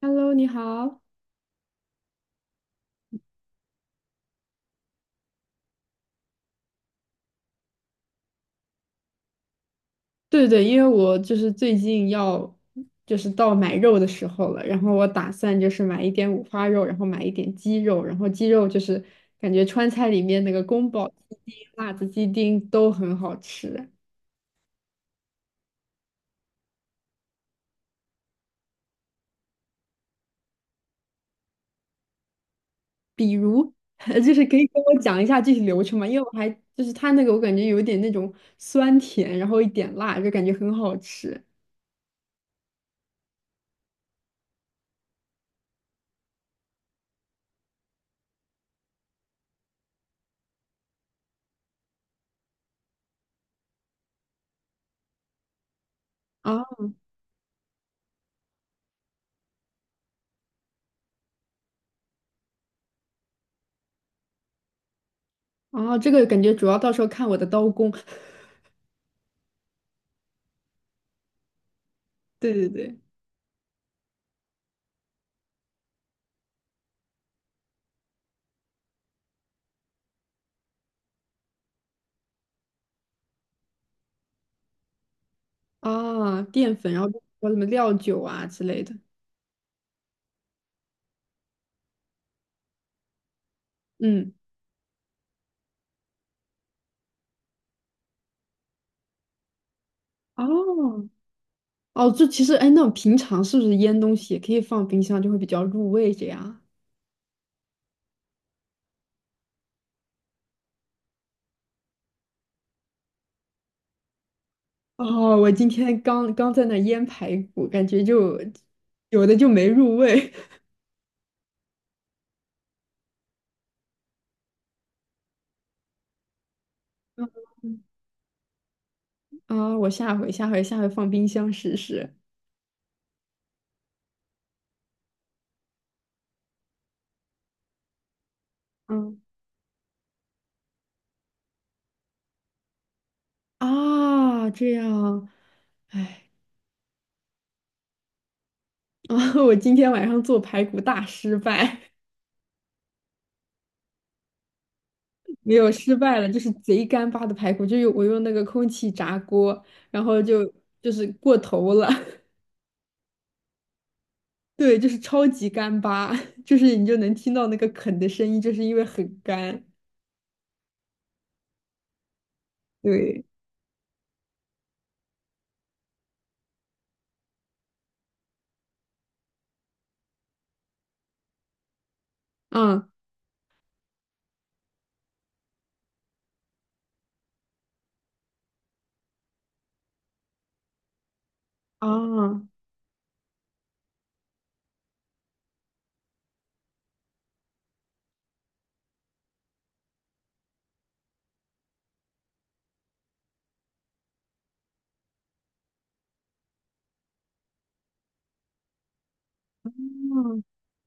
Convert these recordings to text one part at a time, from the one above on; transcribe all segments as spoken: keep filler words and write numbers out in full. Hello，你好。对对，因为我就是最近要就是到买肉的时候了，然后我打算就是买一点五花肉，然后买一点鸡肉，然后鸡肉就是感觉川菜里面那个宫保鸡丁、辣子鸡丁都很好吃。比如，就是可以跟我讲一下具体流程吗？因为我还就是它那个我感觉有一点那种酸甜，然后一点辣，就感觉很好吃。啊啊！然后这个感觉主要到时候看我的刀工。对对对。啊，淀粉，然后和什么料酒啊之类的。嗯，哦哦，这其实哎，那平常是不是腌东西也可以放冰箱，就会比较入味这样啊？哦，我今天刚刚在那腌排骨，感觉就有的就没入味。嗯啊，我下回下回下回放冰箱试试。嗯啊，这样，我今天晚上做排骨大失败。没有失败了，就是贼干巴的排骨，就用我用那个空气炸锅，然后就就是过头了，对，就是超级干巴，就是你就能听到那个啃的声音，就是因为很干，对，嗯啊嗯，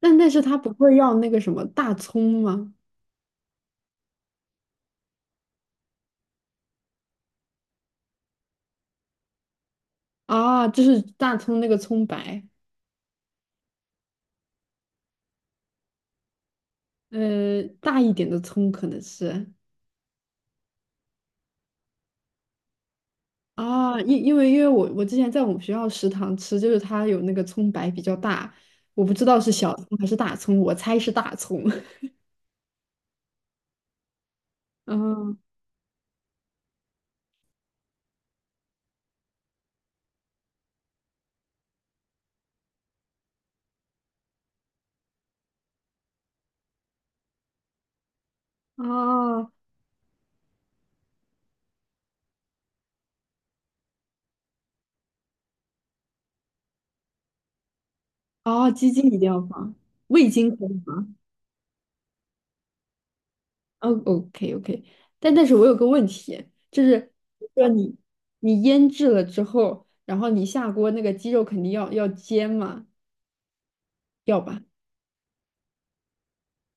但但是他不会要那个什么大葱吗？啊，就是大葱那个葱白，呃，大一点的葱可能是。啊，因因为因为我我之前在我们学校食堂吃，就是它有那个葱白比较大，我不知道是小葱还是大葱，我猜是大葱。嗯，啊哦，鸡精一定要放，味精可以吗？哦，OK OK，但但是我有个问题，就是比如说你你腌制了之后，然后你下锅那个鸡肉肯定要要煎嘛，要吧？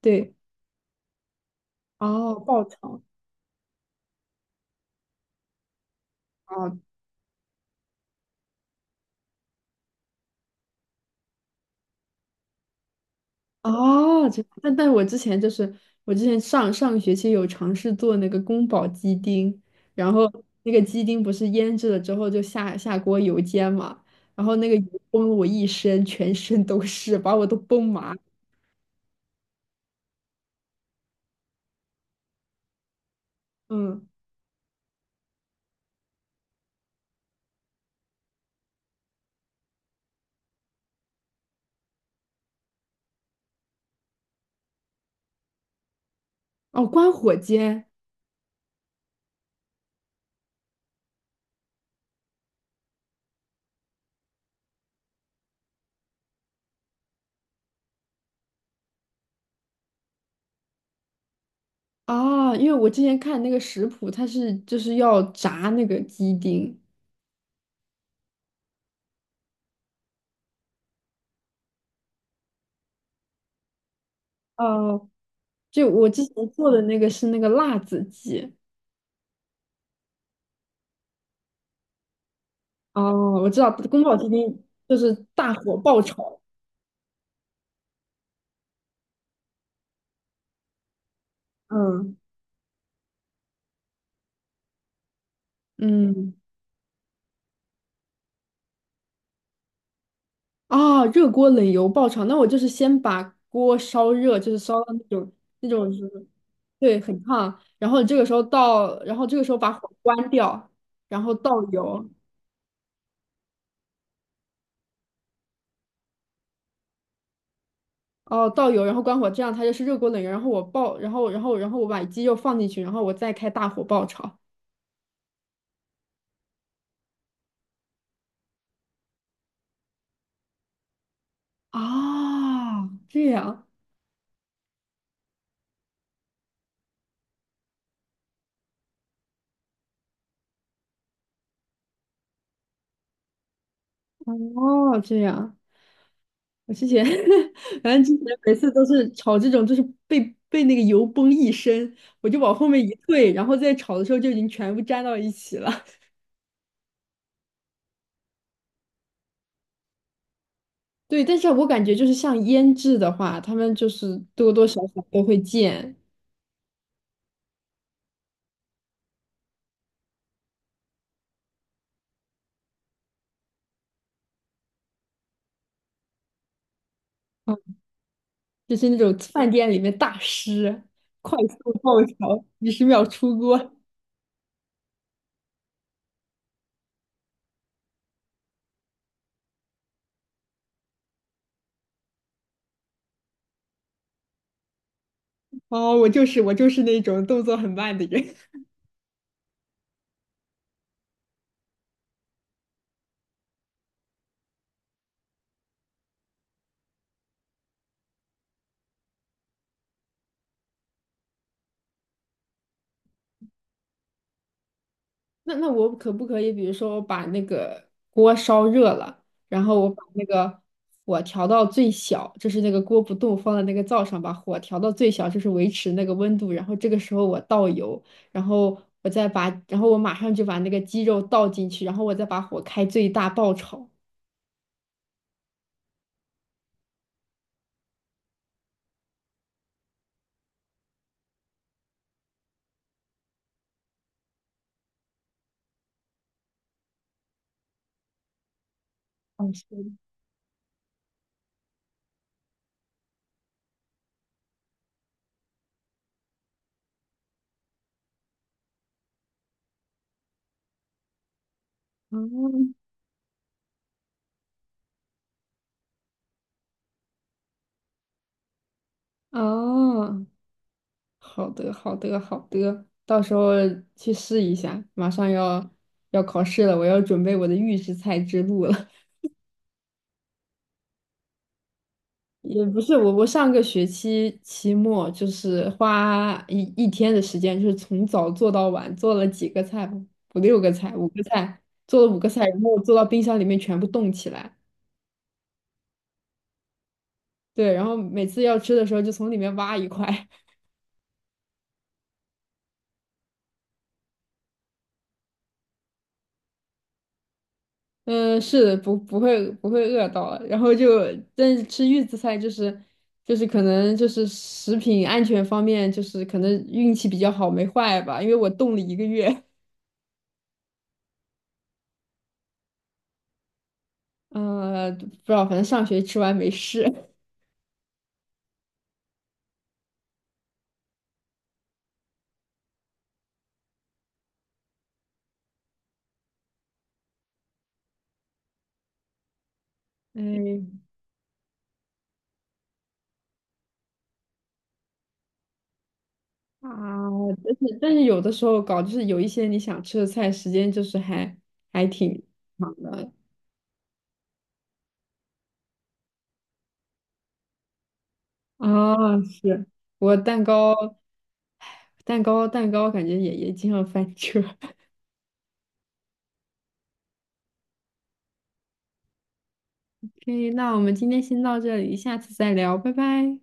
对，哦，爆炒。哦，哦，这但但我之前就是我之前上上个学期有尝试做那个宫保鸡丁，然后那个鸡丁不是腌制了之后就下下锅油煎嘛，然后那个油崩了我一身，全身都是，把我都崩麻。嗯，哦，关火煎啊，因为我之前看那个食谱，它是就是要炸那个鸡丁。哦，就我之前做的那个是那个辣子鸡。哦，我知道宫保鸡丁就是大火爆炒。嗯。嗯，啊，热锅冷油爆炒，那我就是先把锅烧热，就是烧到那种那种就是，对，很烫，然后你这个时候倒，然后这个时候把火关掉，然后倒油，哦，倒油，然后关火，这样它就是热锅冷油，然后我爆，然后然后然后我把鸡肉放进去，然后我再开大火爆炒。啊，这样，哦，这样。我之前 反正之前每次都是炒这种，就是被被那个油崩一身，我就往后面一退，然后再炒的时候就已经全部粘到一起了。对，但是我感觉就是像腌制的话，他们就是多多少少都会溅，嗯，就是那种饭店里面大师快速爆炒，几十秒出锅。哦，我就是我就是那种动作很慢的人。那那我可不可以，比如说我把那个锅烧热了，然后我把那个火调到最小，就是那个锅不动，放在那个灶上，把火调到最小，就是维持那个温度。然后这个时候我倒油，然后我再把，然后我马上就把那个鸡肉倒进去，然后我再把火开最大爆炒。哦，是的。嗯，哦，好的，好的，好的，到时候去试一下。马上要要考试了，我要准备我的预制菜之路了。也不是我，我上个学期期末就是花一一天的时间，就是从早做到晚，做了几个菜，五六个菜，五个菜，做了五个菜，然后做到冰箱里面全部冻起来。对，然后每次要吃的时候就从里面挖一块。嗯，是的，不不会不会饿到了然后就，但是吃预制菜就是就是可能就是食品安全方面就是可能运气比较好没坏吧，因为我冻了一个月。呃，不知道，反正上学吃完没事。哎啊，但是但是有的时候搞就是有一些你想吃的菜，时间就是还还挺长的啊。是我蛋糕蛋糕蛋糕，感觉也也经常翻车。OK，那我们今天先到这里，下次再聊，拜拜。